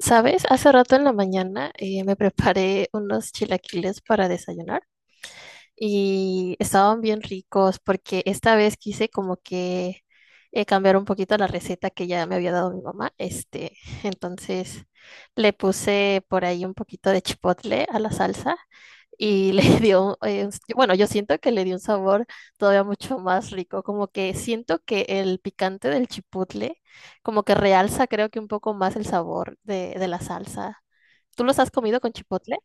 ¿Sabes? Hace rato en la mañana me preparé unos chilaquiles para desayunar y estaban bien ricos porque esta vez quise como que cambiar un poquito la receta que ya me había dado mi mamá. Entonces le puse por ahí un poquito de chipotle a la salsa y le dio, bueno, yo siento que le dio un sabor todavía mucho más rico, como que siento que el picante del chipotle como que realza creo que un poco más el sabor de la salsa. ¿Tú los has comido con chipotle?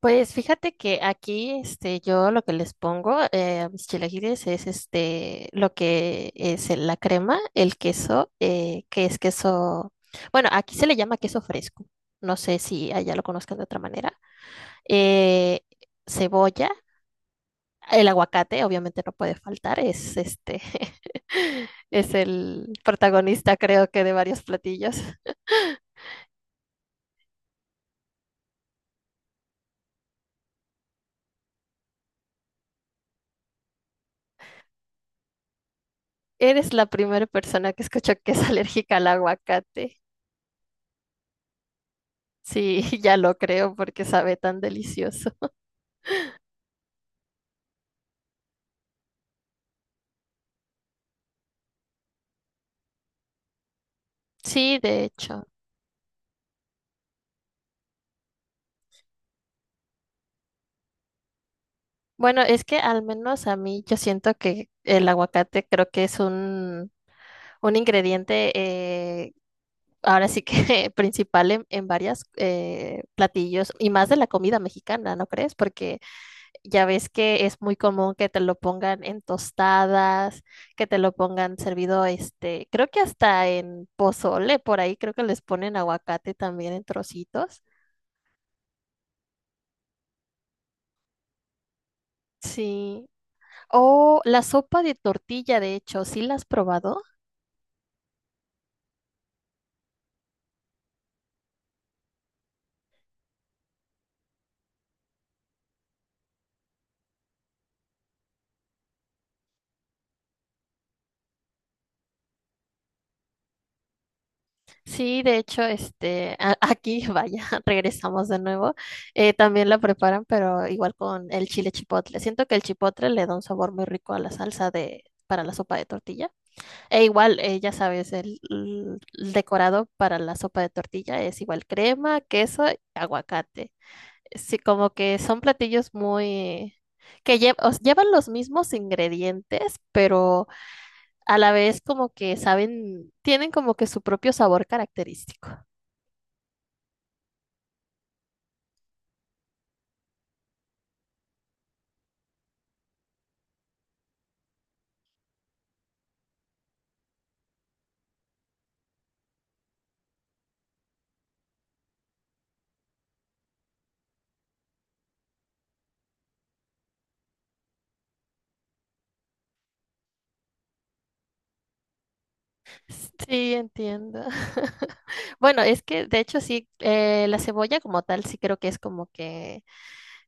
Pues fíjate que aquí, yo lo que les pongo a mis chilaquiles es este, lo que es la crema, el queso, que es queso, bueno, aquí se le llama queso fresco, no sé si allá lo conozcan de otra manera, eh, cebolla, el aguacate, obviamente no puede faltar, es este, es el protagonista, creo que de varios platillos. Eres la primera persona que escucho que es alérgica al aguacate. Sí, ya lo creo porque sabe tan delicioso. Sí, de hecho. Bueno, es que al menos a mí yo siento que el aguacate creo que es un ingrediente eh, ahora sí que principal en varias platillos y más de la comida mexicana, ¿no crees? Porque ya ves que es muy común que te lo pongan en tostadas, que te lo pongan servido, este, creo que hasta en pozole, por ahí creo que les ponen aguacate también en trocitos. Sí, o la sopa de tortilla, de hecho, ¿sí la has probado? Sí, de hecho, aquí, vaya, regresamos de nuevo. También la preparan, pero igual con el chile chipotle. Siento que el chipotle le da un sabor muy rico a la salsa para la sopa de tortilla. E igual, ya sabes, el decorado para la sopa de tortilla es igual crema, queso y aguacate. Sí, como que son platillos muy, que llevan los mismos ingredientes, pero a la vez como que saben, tienen como que su propio sabor característico. Sí, entiendo. Bueno, es que de hecho sí, la cebolla como tal sí creo que es como que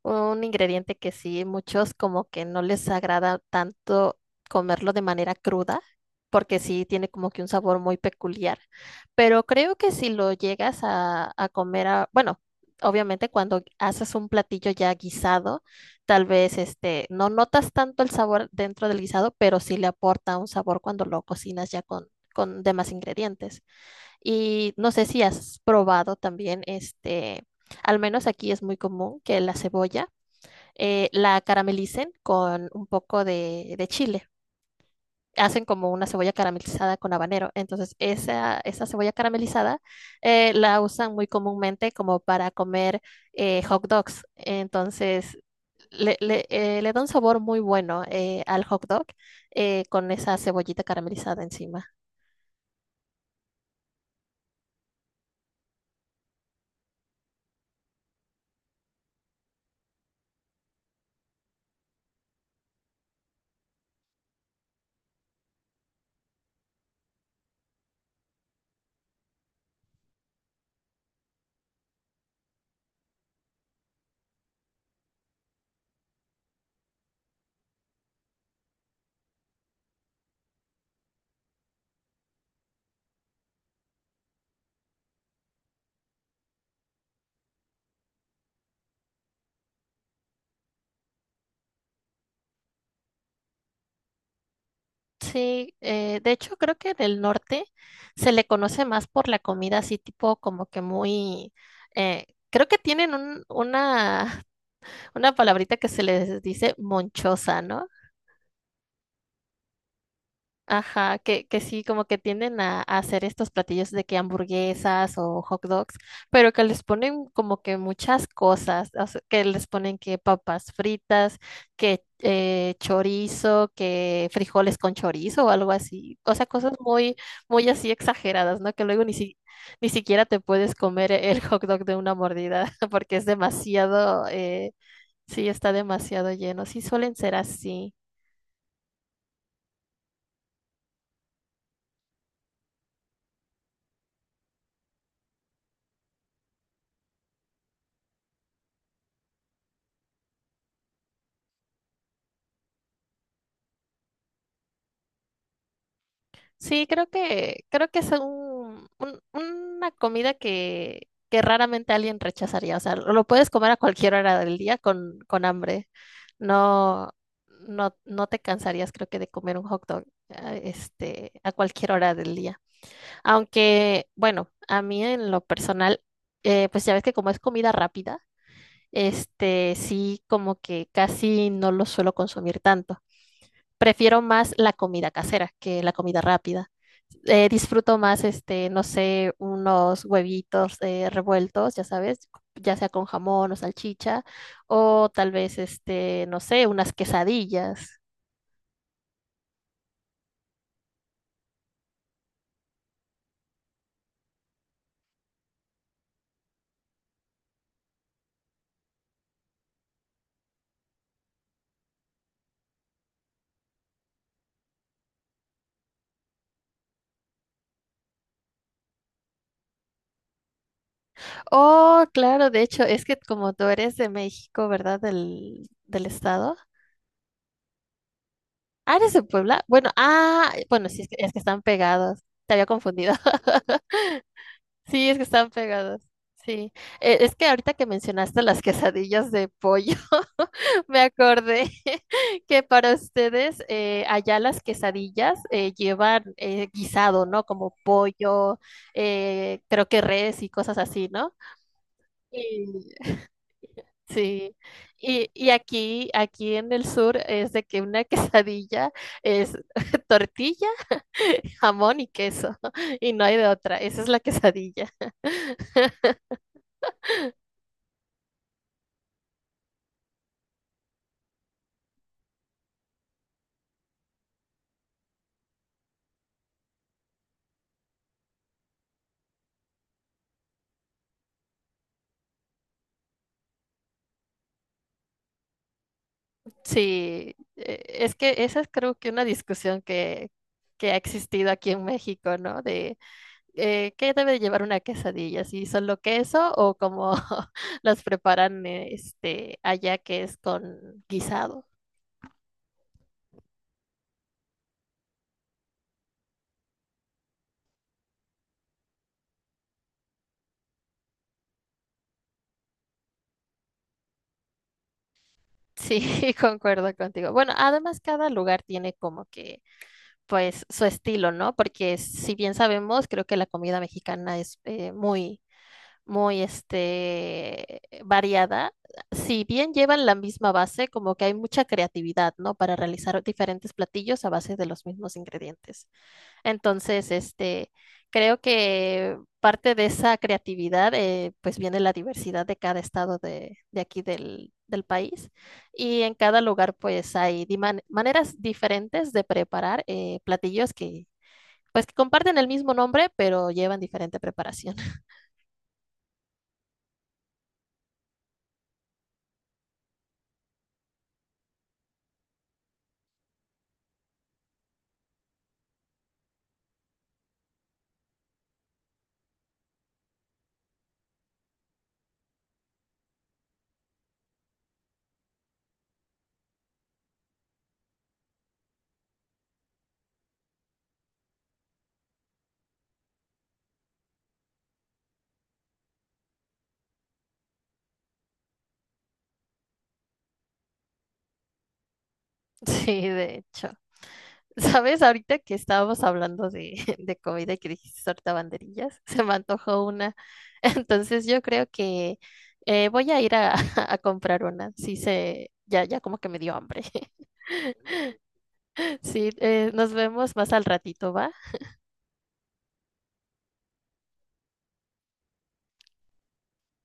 un ingrediente que sí, muchos como que no les agrada tanto comerlo de manera cruda, porque sí tiene como que un sabor muy peculiar. Pero creo que si lo llegas a comer, bueno, obviamente cuando haces un platillo ya guisado, tal vez este, no notas tanto el sabor dentro del guisado, pero sí le aporta un sabor cuando lo cocinas ya con demás ingredientes. Y no sé si has probado también este, al menos aquí es muy común que la cebolla la caramelicen con un poco de chile. Hacen como una cebolla caramelizada con habanero. Entonces, esa cebolla caramelizada la usan muy comúnmente como para comer hot dogs. Entonces, le da un sabor muy bueno al hot dog con esa cebollita caramelizada encima. Sí, de hecho creo que en el norte se le conoce más por la comida así tipo como que muy, creo que tienen una, una palabrita que se les dice monchosa, ¿no? Ajá, que sí, como que tienden a hacer estos platillos de que hamburguesas o hot dogs, pero que les ponen como que muchas cosas, o sea, que les ponen que papas fritas, que chorizo, que frijoles con chorizo o algo así, o sea, cosas muy, muy así exageradas, ¿no? Que luego ni siquiera te puedes comer el hot dog de una mordida porque es demasiado, sí, está demasiado lleno, sí suelen ser así. Sí, creo que es una comida que raramente alguien rechazaría. O sea, lo puedes comer a cualquier hora del día con hambre. No, no te cansarías, creo que, de comer un hot dog, ah, este, a cualquier hora del día. Aunque, bueno, a mí en lo personal, pues ya ves que como es comida rápida. Este sí como que casi no lo suelo consumir tanto. Prefiero más la comida casera que la comida rápida. Disfruto más, este, no sé, unos huevitos revueltos, ya sabes, ya sea con jamón o salchicha, o tal vez, este, no sé, unas quesadillas. Oh, claro, de hecho, es que como tú eres de México, ¿verdad? Del estado. Ah, eres de Puebla. Bueno, ah, bueno, sí, es que están pegados. Te había confundido. Sí, es que están pegadas. Sí. Es que ahorita que mencionaste las quesadillas de pollo, me acordé que para ustedes allá las quesadillas llevan guisado, ¿no? Como pollo, creo que res y cosas así, ¿no? Y, sí. Y, aquí, aquí en el sur es de que una quesadilla es tortilla, jamón y queso, y no hay de otra. Esa es la quesadilla. Sí, es que esa es creo que una discusión que ha existido aquí en México, ¿no? De qué debe de llevar una quesadilla, si solo queso o como las preparan allá que es con guisado. Sí, concuerdo contigo. Bueno, además cada lugar tiene como que, pues, su estilo, ¿no? Porque si bien sabemos, creo que la comida mexicana es muy muy este, variada. Si bien llevan la misma base, como que hay mucha creatividad, ¿no? Para realizar diferentes platillos a base de los mismos ingredientes. Entonces, este, creo que parte de esa creatividad, pues viene la diversidad de cada estado de aquí del país. Y en cada lugar, pues hay maneras diferentes de preparar platillos pues, que comparten el mismo nombre, pero llevan diferente preparación. Sí, de hecho. ¿Sabes? Ahorita que estábamos hablando de comida y que dijiste ahorita banderillas, se me antojó una. Entonces yo creo que voy a ir a comprar una. Sí, ya como que me dio hambre. Sí, nos vemos más al ratito, ¿va?